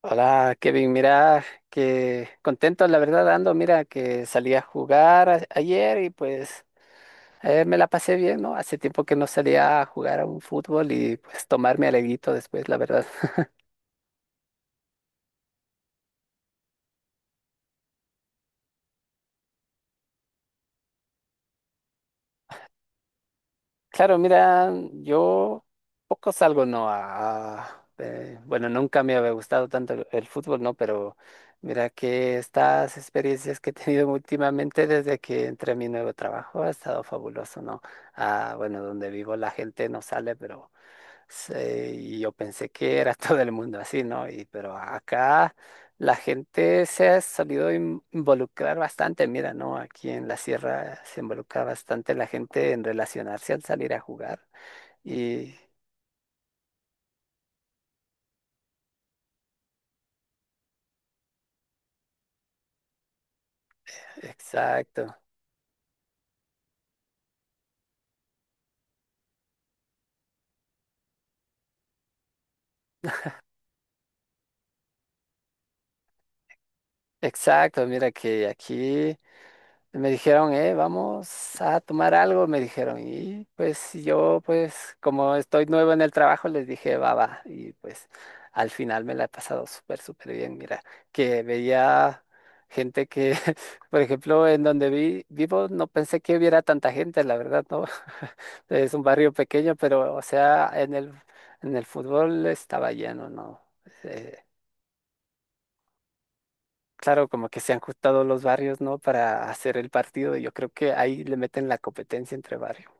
Hola, Kevin, mira, que contento, la verdad, ando, mira, que salí a ayer y pues me la pasé bien, ¿no? Hace tiempo que no salía a jugar a un fútbol y pues tomarme alegrito después, la verdad. Claro, mira, yo poco salgo, ¿no? A, bueno, nunca me había gustado tanto el fútbol, ¿no? Pero mira que estas experiencias que he tenido últimamente desde que entré a mi nuevo trabajo ha estado fabuloso, ¿no? Ah, bueno, donde vivo la gente no sale, pero... Sí, y yo pensé que era todo el mundo así, ¿no? Y, pero acá la gente se ha solido involucrar bastante, mira, ¿no? Aquí en la sierra se involucra bastante la gente en relacionarse al salir a jugar. Y exacto, exacto, mira que aquí me dijeron, vamos a tomar algo, me dijeron. Y pues si yo, pues como estoy nuevo en el trabajo, les dije, va, va. Y pues al final me la he pasado súper, súper bien. Mira, que veía gente que, por ejemplo, en donde vivo, no pensé que hubiera tanta gente, la verdad, ¿no? Es un barrio pequeño, pero, o sea, en el fútbol estaba lleno, ¿no? Eh, claro, como que se han juntado los barrios, ¿no? Para hacer el partido. Yo creo que ahí le meten la competencia entre barrios.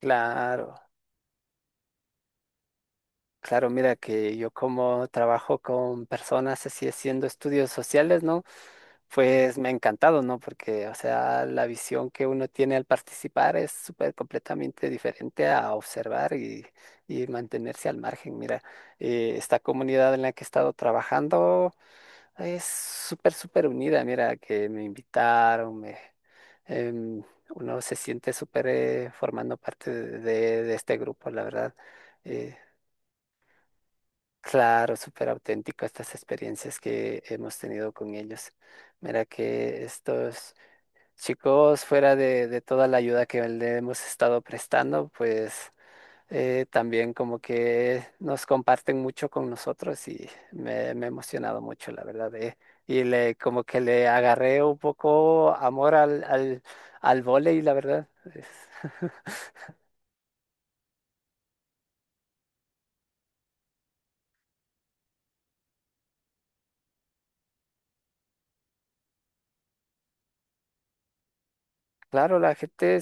Claro, claro, mira que yo como trabajo con personas así haciendo estudios sociales, ¿no? Pues me ha encantado, ¿no? Porque, o sea, la visión que uno tiene al participar es súper completamente diferente a observar y mantenerse al margen. Mira, esta comunidad en la que he estado trabajando es súper, súper unida. Mira, que me invitaron, em, uno se siente súper formando parte de, de este grupo, la verdad. Eh, claro, súper auténtico estas experiencias que hemos tenido con ellos. Mira que estos chicos, fuera de toda la ayuda que le hemos estado prestando, pues también como que nos comparten mucho con nosotros y me he emocionado mucho, la verdad. Y le, como que le agarré un poco amor al, al, al vóley, la verdad. Es- Claro, la gente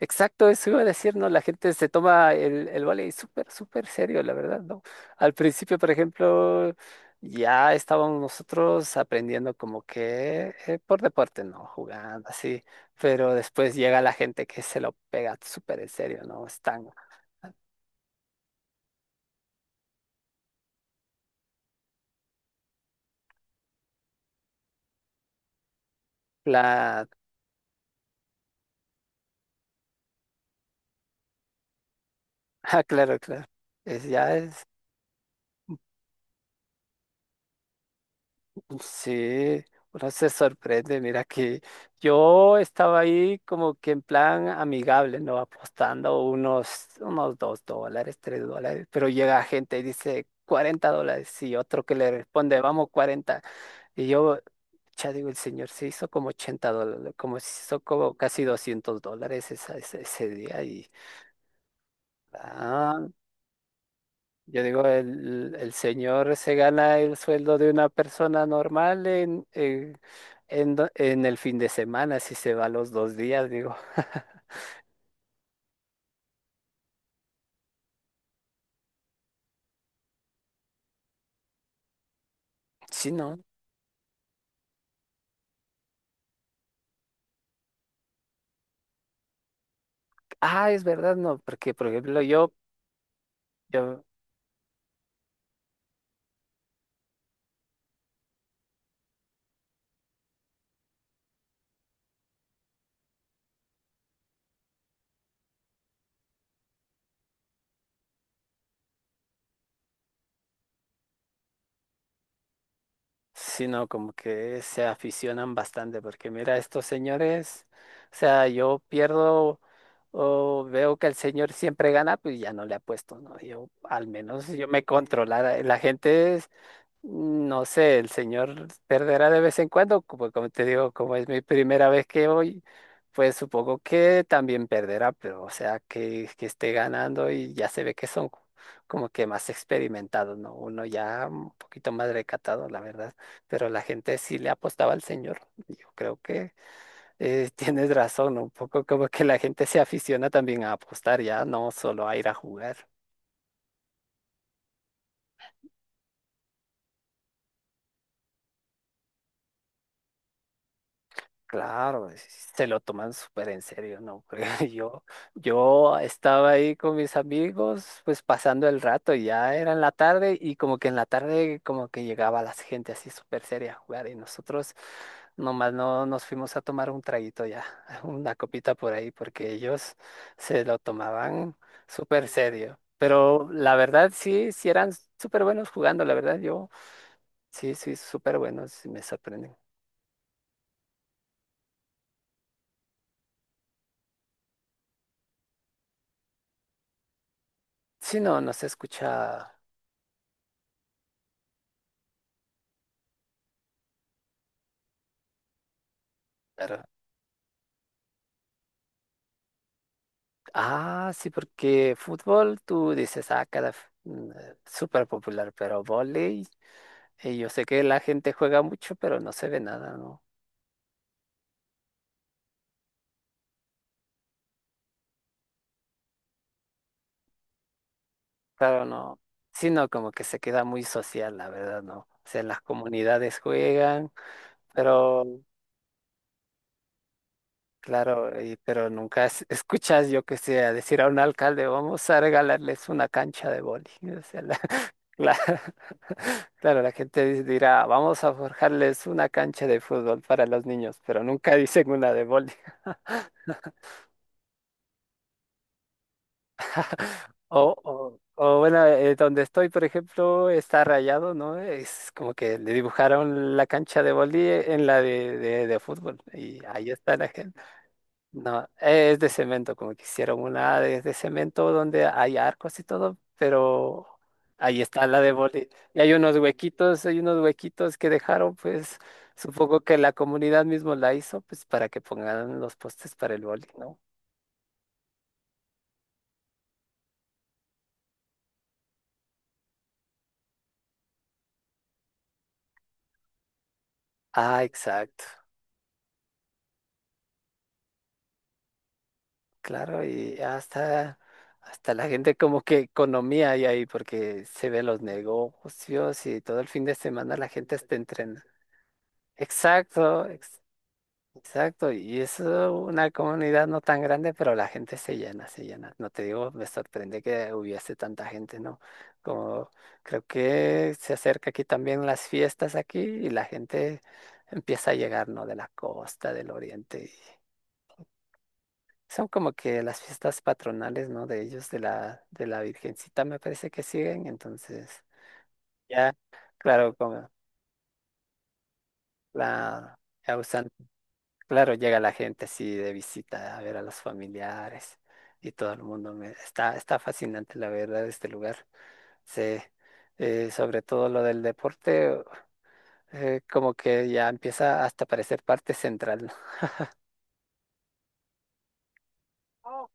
exacto, eso iba a decir, ¿no? La gente se toma el vóley súper, súper serio, la verdad, ¿no? Al principio, por ejemplo, ya estábamos nosotros aprendiendo como que por deporte, ¿no? Jugando así, pero después llega la gente que se lo pega súper en serio, ¿no? Están, la... Ah, claro, claro. Es, ya es sí, uno se sorprende, mira que yo estaba ahí como que en plan amigable, ¿no? Apostando unos $2, $3, pero llega gente y dice $40 y otro que le responde, vamos 40. Y yo, ya digo, el señor se hizo como $80, como se hizo como casi $200 ese día y, ah, yo digo, el señor se gana el sueldo de una persona normal en, en el fin de semana, si se va los dos días, digo. Sí, no. Ah, es verdad, no, porque por ejemplo yo, yo, sí, no, como que se aficionan bastante, porque mira, estos señores, o sea, yo pierdo o veo que el señor siempre gana, pues ya no le apuesto, ¿no? Yo al menos yo me controlara. La gente no sé, el señor perderá de vez en cuando, como, como te digo, como es mi primera vez que voy, pues supongo que también perderá, pero o sea, que esté ganando y ya se ve que son como que más experimentados, ¿no? Uno ya un poquito más recatado, la verdad, pero la gente sí le apostaba al señor. Yo creo que tienes razón, ¿no? Un poco como que la gente se aficiona también a apostar, ya no solo a ir a jugar. Claro, se lo toman súper en serio, ¿no? yo, yo estaba ahí con mis amigos, pues pasando el rato, y ya era en la tarde y como que en la tarde como que llegaba la gente así súper seria a jugar y nosotros nomás no nos fuimos a tomar un traguito ya, una copita por ahí, porque ellos se lo tomaban súper serio. Pero la verdad sí, sí eran súper buenos jugando, la verdad yo sí, sí, súper buenos, me sorprenden. Sí, no, no se escucha. Ah, sí, porque fútbol tú dices, ah, súper popular, pero vóley, yo sé que la gente juega mucho, pero no se ve nada, ¿no? Claro, no. Sino como que se queda muy social, la verdad, ¿no? O sea, las comunidades juegan, pero claro, pero nunca escuchas, yo que sé, a decir a un alcalde, vamos a regalarles una cancha de vóley. O sea, Cla- claro, la gente dirá, vamos a forjarles una cancha de fútbol para los niños, pero nunca dicen una de boli. O bueno, donde estoy, por ejemplo, está rayado, ¿no? Es como que le dibujaron la cancha de boli en la de fútbol y ahí está la gente. No, es de cemento, como que hicieron una de cemento donde hay arcos y todo, pero ahí está la de boli. Y hay unos huequitos que dejaron, pues supongo que la comunidad mismo la hizo, pues para que pongan los postes para el boli, ¿no? Ah, exacto, claro, y hasta, hasta la gente como que economía hay ahí, porque se ven los negocios y todo el fin de semana la gente está entrenando. Exacto, exacto, y es una comunidad no tan grande, pero la gente se llena, se llena. No te digo, me sorprende que hubiese tanta gente, ¿no? Como creo que se acerca aquí también las fiestas aquí y la gente empieza a llegar, ¿no? De la costa, del oriente. Son como que las fiestas patronales, ¿no? De ellos, de la Virgencita, me parece que siguen. Entonces, ya, claro, como la claro, llega la gente así de visita a ver a los familiares y todo el mundo me está, está fascinante la verdad este lugar. Sí, sobre todo lo del deporte, como que ya empieza hasta a parecer parte central, ¿no?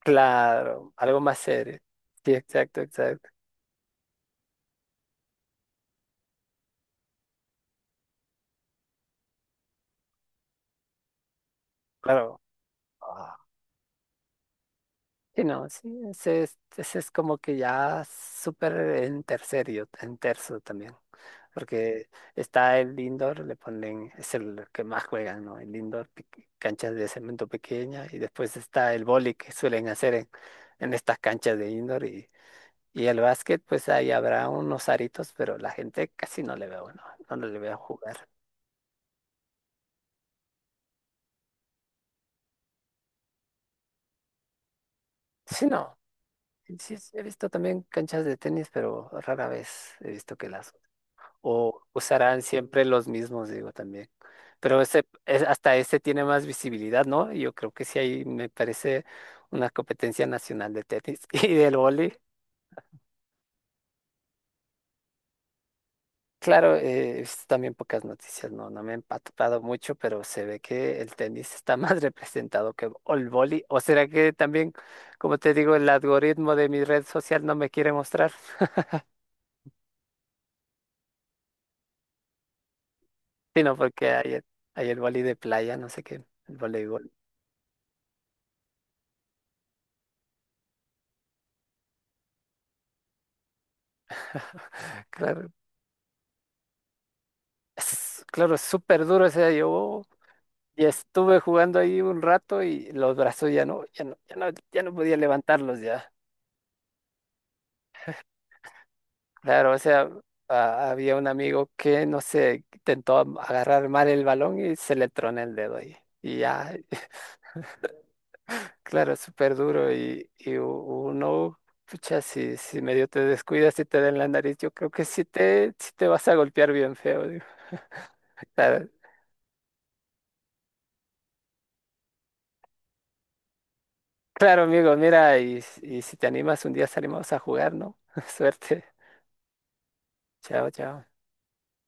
Claro, algo más serio. Sí, exacto, exacto. Claro. Sí, no, sí, ese es como que ya súper en tercerio, en terzo también, porque está el indoor, le ponen, es el que más juegan, ¿no? El indoor, canchas de cemento pequeña, y después está el vóley que suelen hacer en estas canchas de indoor, y el básquet, pues ahí habrá unos aritos, pero la gente casi no le veo, ¿no? No le veo jugar. Sí, no, sí, sí, he visto también canchas de tenis, pero rara vez he visto que las o usarán siempre los mismos, digo también. Pero ese, hasta ese tiene más visibilidad, ¿no? Yo creo que sí ahí me parece una competencia nacional de tenis y del vóley. Claro, he visto también pocas noticias, no, no me he empapado mucho, pero se ve que el tenis está más representado que el vóley. ¿O será que también, como te digo, el algoritmo de mi red social no me quiere mostrar? Sino porque hay, hay el vóley de playa, no sé qué, el voleibol. Claro. Claro, es súper duro ese día. Yo y estuve jugando ahí un rato y los brazos ya no, ya no, ya no, ya no podía levantarlos ya. Claro, o sea, había un amigo que, no sé, intentó agarrar mal el balón y se le tronó el dedo ahí. Y ya, claro, es súper duro y, uno, pucha, si, si medio te descuidas y te den la nariz, yo creo que sí te vas a golpear bien feo. Digo. Claro, claro, amigo, mira, y si te animas un día salimos a jugar, ¿no? Suerte. Chao, chao.